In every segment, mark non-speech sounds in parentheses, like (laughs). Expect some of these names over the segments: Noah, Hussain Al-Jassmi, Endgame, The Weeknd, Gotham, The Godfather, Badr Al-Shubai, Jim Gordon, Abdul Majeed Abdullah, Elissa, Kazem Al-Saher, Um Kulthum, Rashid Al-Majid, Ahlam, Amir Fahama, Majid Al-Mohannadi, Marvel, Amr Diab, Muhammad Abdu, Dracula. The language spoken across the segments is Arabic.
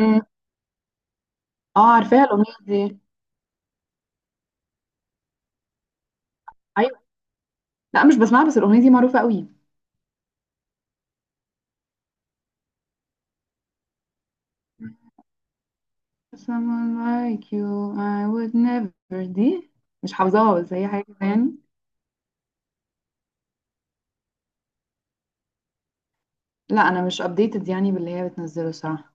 مم. اه عارفاها الاغنيه دي. ايوه. لا، مش بسمعها بس الاغنيه دي معروفه قوي. someone like you I would never دي مش حافظاها بس هي حاجه كده يعني. لا، انا مش updated يعني باللي هي بتنزله الصراحه.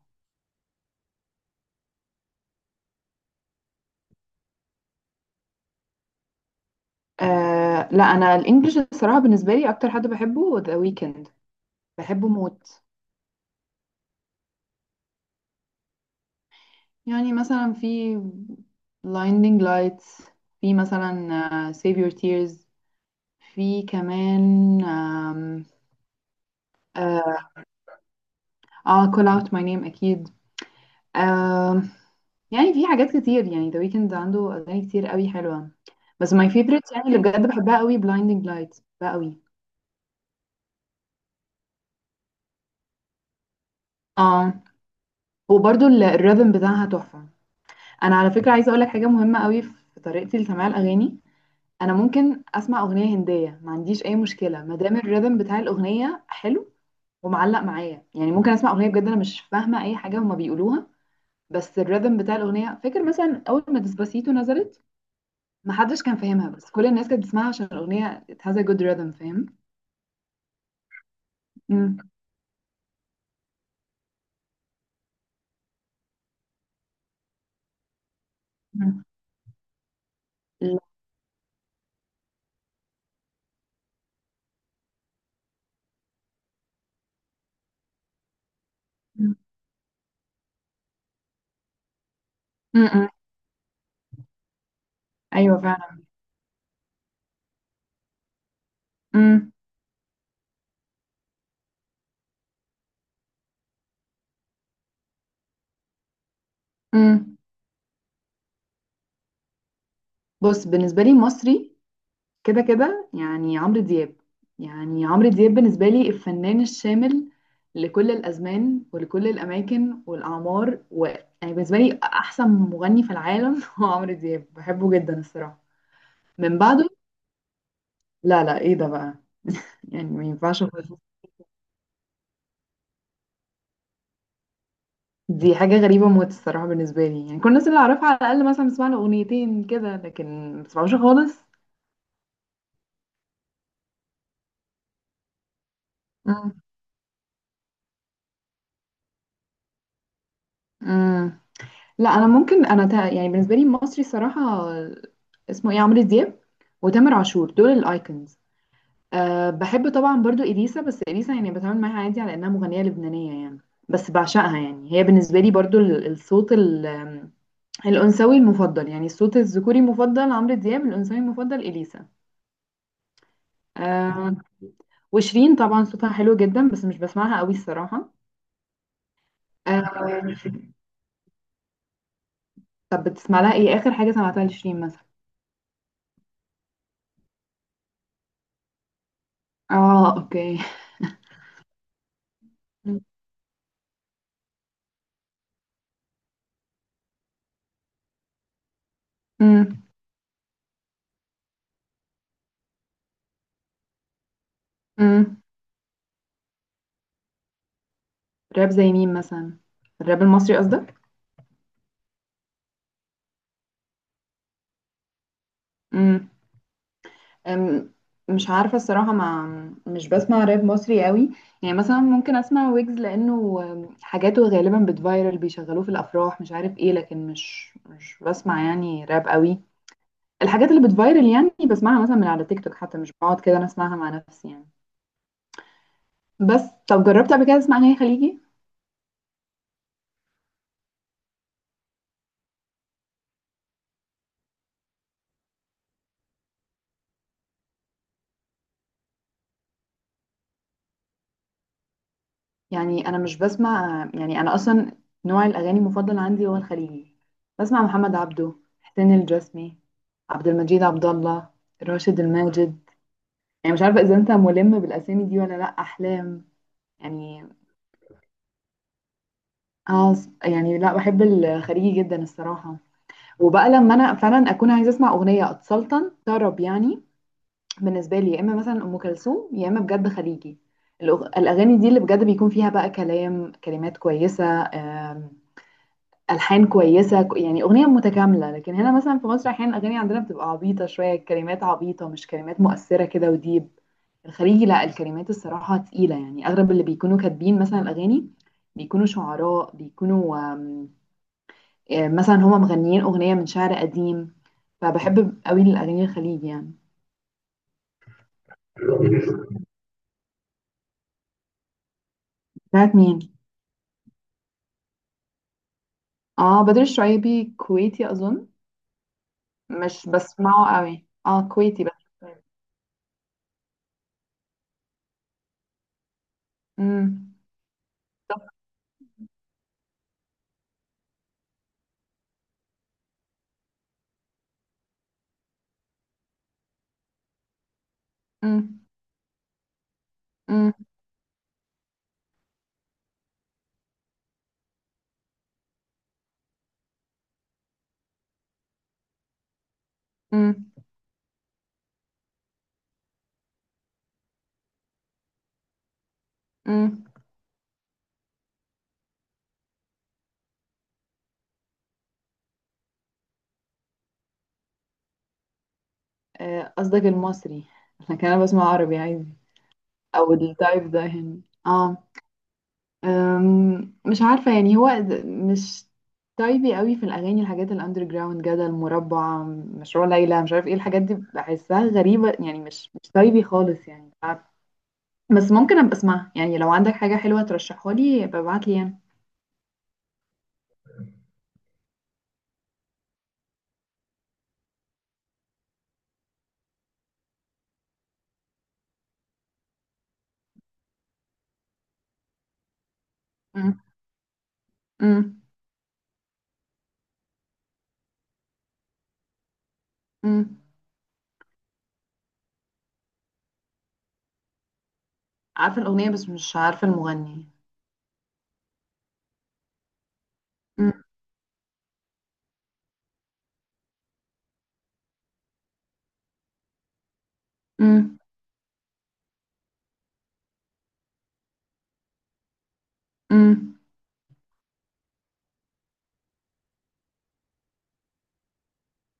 آه، لا انا الانجليش الصراحه بالنسبه لي اكتر حد بحبه ذا ويكند، بحبه موت. يعني مثلا في blinding lights، في مثلا save your tears، في كمان اه، call out my name اكيد. آم، يعني في حاجات كتير، يعني ذا ويكند عنده اغاني كتير قوي حلوه. بس ماي فيفرت يعني اللي بجد بحبها قوي بلايندنج لايت، بحبها قوي. اه، وبرده الريذم بتاعها تحفه. انا على فكره عايزه اقول لك حاجه مهمه قوي في طريقتي لسماع الاغاني. انا ممكن اسمع اغنيه هنديه، ما عنديش اي مشكله ما دام الريذم بتاع الاغنيه حلو ومعلق معايا. يعني ممكن اسمع اغنيه بجد انا مش فاهمه اي حاجه هما بيقولوها بس الريذم بتاع الاغنيه. فاكر مثلا اول ما ديسباسيتو نزلت، محدش كان فاهمها بس كل الناس كانت بتسمعها عشان الاغنيه it has a good rhythm، فاهم؟ مم. مم. لا. مم. مم. ايوه فعلا. مم. مم. بص، بالنسبه لي مصري كده كده يعني عمرو دياب. يعني عمرو دياب بالنسبه لي الفنان الشامل لكل الازمان ولكل الاماكن والاعمار يعني بالنسبه لي احسن مغني في العالم (laughs) هو عمرو دياب، بحبه جدا الصراحه. من بعده. لا، لا، ايه ده بقى؟ يعني ما ينفعش خالص. دي حاجه غريبه موت الصراحه، بالنسبه لي يعني كل الناس اللي اعرفها على الاقل مثلا بسمع له اغنيتين كده لكن ما بسمعوش خالص. امم لا، انا ممكن يعني بالنسبه لي مصري الصراحه، اسمه ايه، عمرو دياب وتامر عاشور دول الايكونز. أه، بحب طبعا برضو اليسا، بس اليسا يعني بتعامل معاها عادي على انها مغنيه لبنانيه يعني. بس بعشقها، يعني هي بالنسبه لي برضو الصوت الانثوي المفضل، يعني الصوت الذكوري المفضل عمرو دياب، الانثوي المفضل اليسا. أه، وشيرين طبعا صوتها حلو جدا بس مش بسمعها قوي الصراحه. أه. طب بتسمع لها ايه؟ اخر حاجه سمعتها لشيرين مثلا؟ اه، اوكي. امم. امم. راب زي مين مثلا؟ الراب المصري قصدك؟ امم. أم، مش عارفه الصراحه، مع، مش بسمع راب مصري قوي. يعني مثلا ممكن اسمع ويجز لانه حاجاته غالبا بتفايرل بيشغلوه في الافراح مش عارف ايه، لكن مش بسمع يعني راب قوي. الحاجات اللي بتفايرل يعني بسمعها مثلا من على تيك توك حتى، مش بقعد كده انا اسمعها مع نفسي يعني. بس طب جربت قبل كده تسمع اغاني خليجي؟ يعني انا مش بسمع، يعني انا اصلا نوع الاغاني المفضل عندي هو الخليجي. بسمع محمد عبده، حسين الجسمي، عبد المجيد عبد الله، راشد الماجد، يعني مش عارفه اذا انت ملم بالاسامي دي ولا لا، احلام. يعني اه، يعني لا، بحب الخليجي جدا الصراحه. وبقى لما انا فعلا اكون عايزه اسمع اغنيه اتسلطن طرب يعني، بالنسبه لي يا اما مثلا ام كلثوم يا اما بجد خليجي. الاغاني دي اللي بجد بيكون فيها بقى كلام، كلمات كويسه، ألحان كويسة يعني أغنية متكاملة، لكن هنا مثلًا في مصر أحيانًا الأغاني عندنا بتبقى عبيطة شوية، الكلمات عبيطة، مش كلمات مؤثرة كده وdeep. الخليجي لأ، الكلمات الصراحة تقيلة، يعني أغلب اللي بيكونوا كاتبين مثلًا الأغاني بيكونوا شعراء، بيكونوا آمم، مثلًا هم مغنيين أغنية من شعر قديم، فباحب أوي الأغاني الخليجي يعني. بتاعة مين؟ آه، بدر الشعيبي كويتي أظن. مش باسمعه أوي. كويتي بدر الشعيبي. إمم. بالضبط. إمم. إمم. إمم. إمم. آه، قصدك المصري؟ لكن انا بسمع عربي عادي او التايب ده هنا. اه. مش عارفه يعني هو مش تايبي قوي في الاغاني، الحاجات الاندر جراوند جدل مربع مشروع ليلى مش عارف ايه، الحاجات دي بحسها غريبه يعني، مش تايبي خالص يعني، مش عارفة. بس ممكن ابقى اسمعها، يعني لو عندك حاجه حلوه ترشحها لي ابقى ابعت لي يعني. أم. أم. أم. عارفه الاغنيه بس مش عارفه المغني. أم. أم. أم.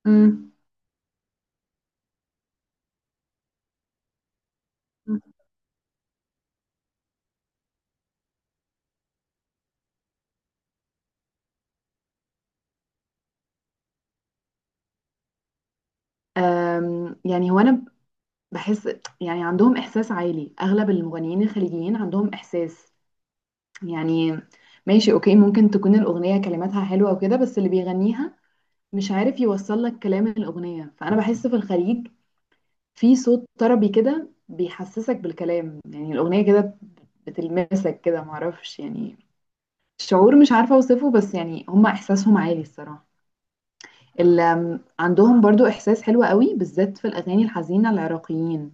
أم. يعني هو انا بحس، يعني عندهم إحساس عالي، أغلب المغنيين الخليجيين عندهم إحساس يعني، ماشي، أوكي ممكن تكون الأغنية كلماتها حلوة وكده بس اللي بيغنيها مش عارف يوصل لك كلام الأغنية، فأنا بحس في الخليج في صوت طربي كده بيحسسك بالكلام، يعني الأغنية كده بتلمسك كده، معرفش يعني، شعور مش عارفة أوصفه بس يعني هما إحساسهم عالي الصراحة. عندهم برضو إحساس حلو قوي بالذات في الأغاني الحزينة، العراقيين.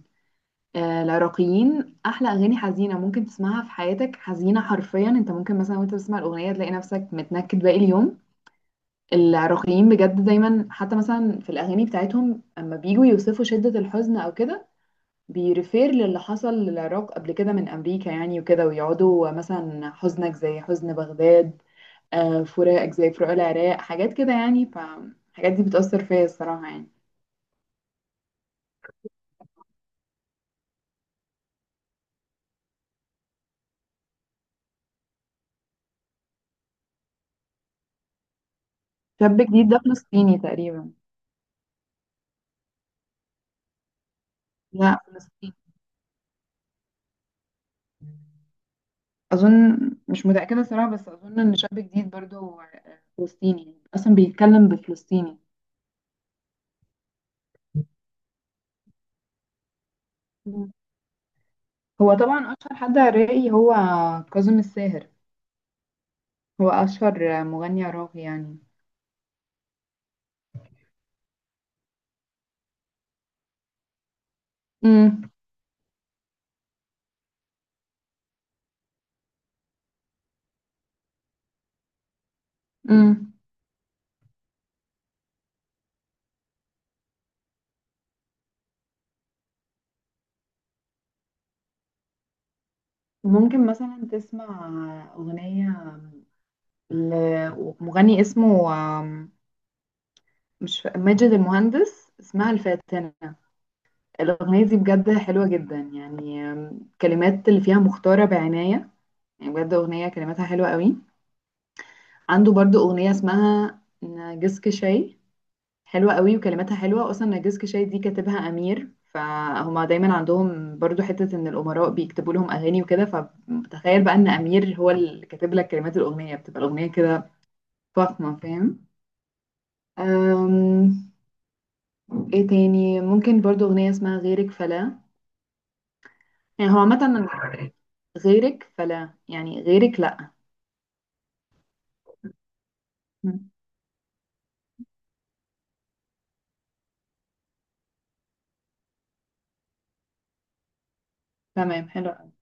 العراقيين احلى اغاني حزينه ممكن تسمعها في حياتك، حزينه حرفيا، انت ممكن مثلا وانت بتسمع الاغنيه تلاقي نفسك متنكد باقي اليوم. العراقيين بجد دايما حتى مثلا في الاغاني بتاعتهم اما بيجوا يوصفوا شده الحزن او كده، بيرفير للي حصل للعراق قبل كده من امريكا يعني وكده، ويقعدوا مثلا حزنك زي حزن بغداد، فراقك زي فراق العراق، حاجات كده يعني، فالحاجات دي بتأثر فيا الصراحه يعني. شاب جديد ده فلسطيني تقريبا. لا، فلسطيني أظن، مش متأكدة صراحة بس أظن إن شاب جديد برضه هو فلسطيني يعني، أصلا بيتكلم بفلسطيني. مم. هو طبعا أشهر حد عراقي هو كاظم الساهر، هو أشهر مغني عراقي يعني. مم. مم. ممكن مثلا تسمع أغنية لمغني اسمه آم، مش فا- ماجد المهندس، اسمها الفاتنة. الأغنية دي بجد حلوة جدا يعني، الكلمات اللي فيها مختارة بعناية، يعني بجد أغنية كلماتها حلوة قوي. عنده برضو أغنية اسمها نرجسك شاي، حلوة قوي وكلماتها حلوة، أصلا نرجسك شاي دي كاتبها أمير، فهما دايما عندهم برضو حتة إن الأمراء بيكتبوا لهم أغاني وكده، فتخيل بقى إن أمير هو اللي كاتب لك كلمات الأغنية بتبقى الأغنية كده فخمة، فاهم؟ أم... إيه تاني؟ ممكن برضو أغنية اسمها غيرك فلا. يعني هو عامة، غيرك فلا يعني غيرك لأ. مم. تمام، حلو.